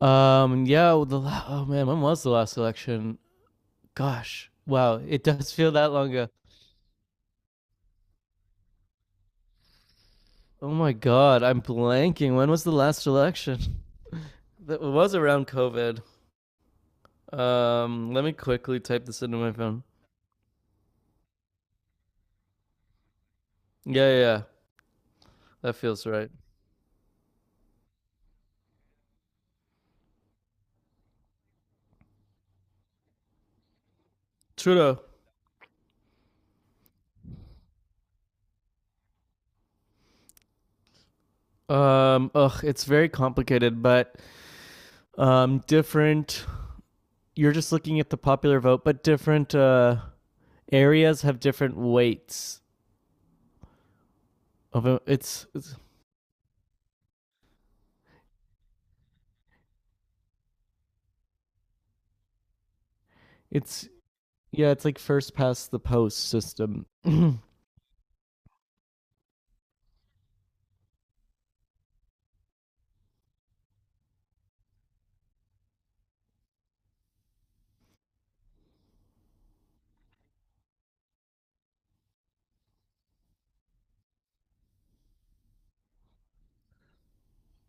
Yeah, well, oh man, when was the last election? Gosh, wow, it does feel that long ago. Oh my god, I'm blanking. When was the last election? That was around COVID. Let me quickly type this into my phone. Yeah, yeah, yeah, that feels right. Trudeau. It's very complicated, but different. You're just looking at the popular vote, but different areas have different weights of it's yeah, it's like first past the post system.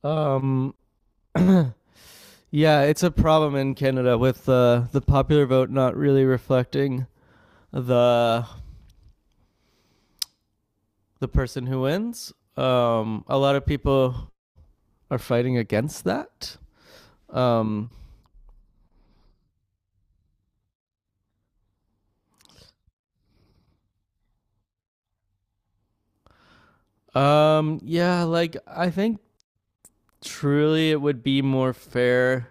um yeah, it's a problem in Canada with the popular vote not really reflecting the the person who wins. A lot of people are fighting against that. Um yeah, like I think truly it would be more fair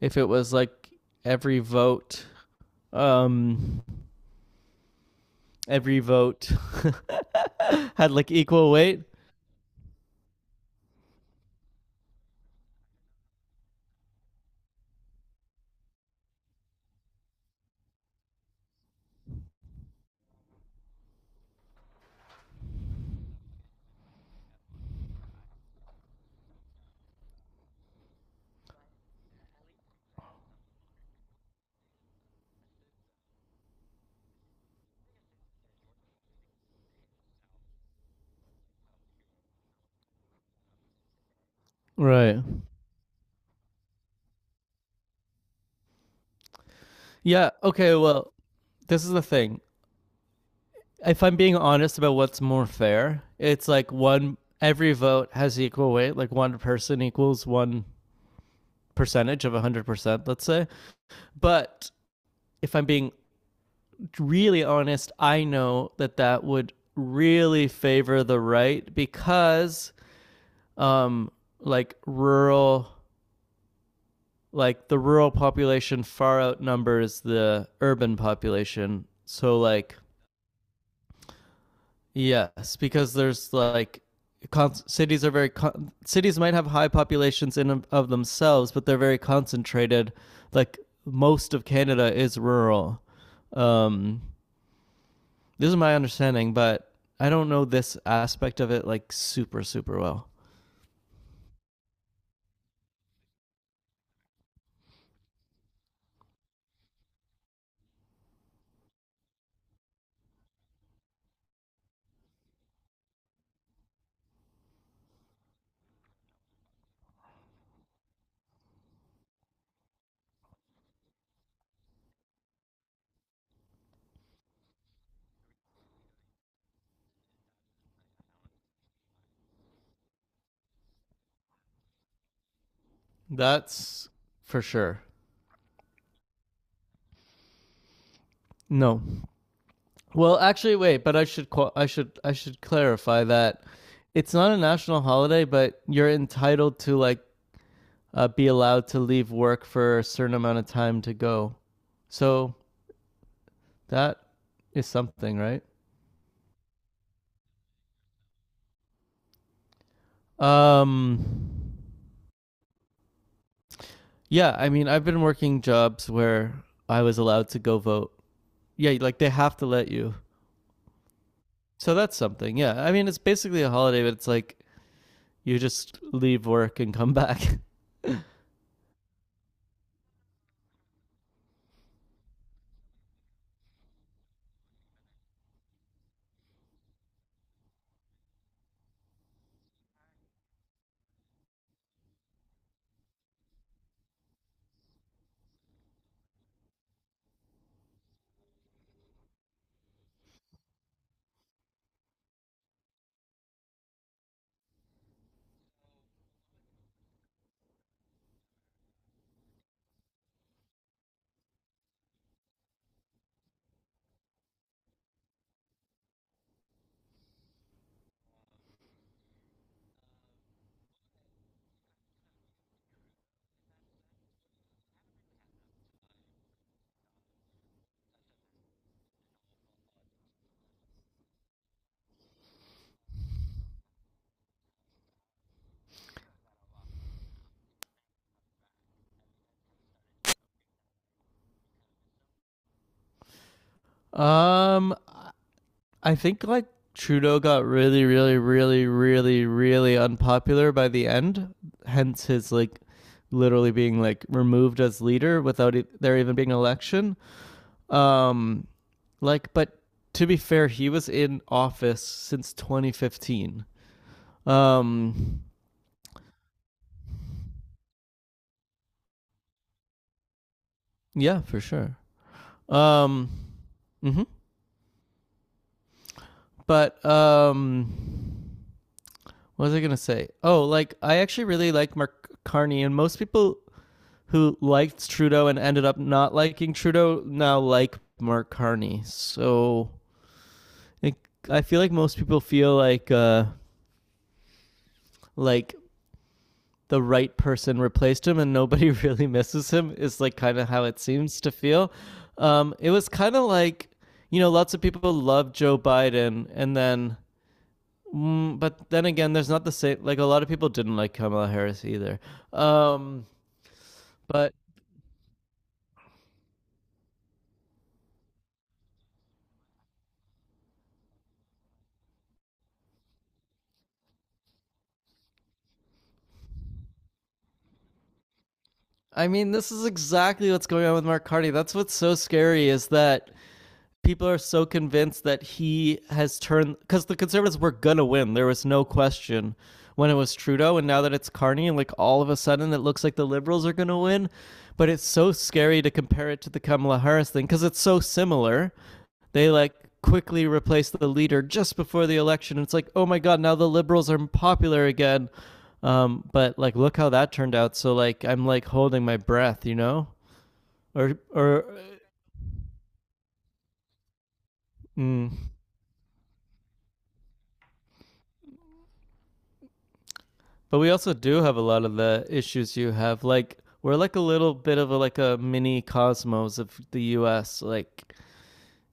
if it was like every vote um every vote had like equal weight. Right. Yeah. Okay. Well, this is the thing. If I'm being honest about what's more fair, it's like one, every vote has equal weight. Like one person equals one percentage of 100%, let's say. But if I'm being really honest, I know that that would really favor the right because, um, like rural, like the rural population far outnumbers the urban population. So, like, yes, because there's like cities are very cities might have high populations in themselves, but they're very concentrated. Like most of Canada is rural. Um, this is my understanding, but I don't know this aspect of it like super super well. That's for sure. No. Well, actually, wait. But I should I should clarify that it's not a national holiday, but you're entitled to like be allowed to leave work for a certain amount of time to go. So that is something, right? Um, yeah, I mean, I've been working jobs where I was allowed to go vote. Yeah, like they have to let you. So that's something. Yeah, I mean, it's basically a holiday, but it's like you just leave work and come back. um, I think like Trudeau got really, really, really, really, really unpopular by the end. Hence his like literally being like removed as leader without there even being an election. Um, like, but To be fair, he was in office since 2015. Um, yeah, for sure. Um, hmm but What was I gonna say? Oh, like I actually really like Mark Carney, and most people who liked Trudeau and ended up not liking Trudeau now like Mark Carney. So it, I feel like most people feel like like the right person replaced him and nobody really misses him is like kind of how it seems to feel. It was kind of like you know lots of people love Joe Biden and then. Mm, but then again, there's not the same. Like a lot of people didn't like Kamala Harris either. Um, but I mean, this is exactly what's going on with Mark Carty. That's what's so scary is that people are so convinced that he has turned because the conservatives were gonna win, there was no question when it was Trudeau, and now that it's Carney, like all of a sudden it looks like the liberals are gonna win. But it's so scary to compare it to the Kamala Harris thing because it's so similar. They like quickly replaced the leader just before the election. It's like oh my god, now the liberals are popular again. But like look how that turned out, so like I'm like holding my breath, you know? Or Mm, but we also do have a lot of the issues you have. Like we're like a little bit of a, like a mini cosmos of the U.S. Like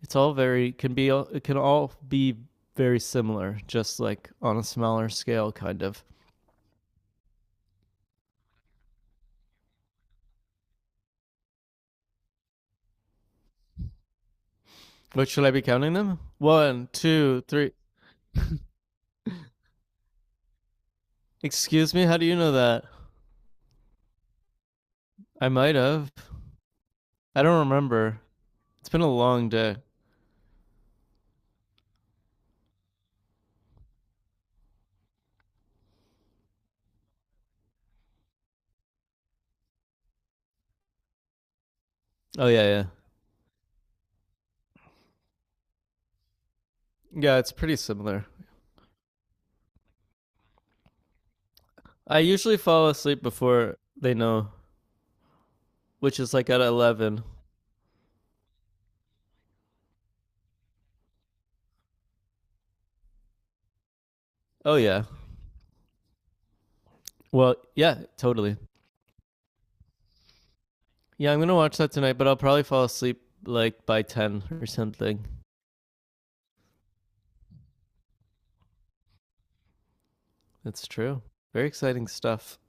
it can all be very similar, just like on a smaller scale, kind of. What, should I be counting them? One, two, three. Excuse me, how do you know that? I might have. I don't remember. It's been a long day. Oh yeah, yeah, yeah. It's pretty similar. I usually fall asleep before they know, which is like at 11. Oh yeah. Well, yeah, totally. Yeah, I'm gonna watch that tonight, but I'll probably fall asleep like by ten or something. That's true. Very exciting stuff.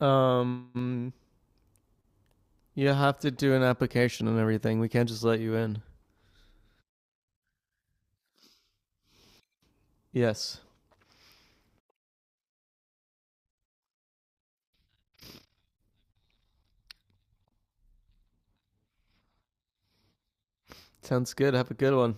Um, you have to do an application and everything. We can't just let you in. Yes, sounds good. Have a good one.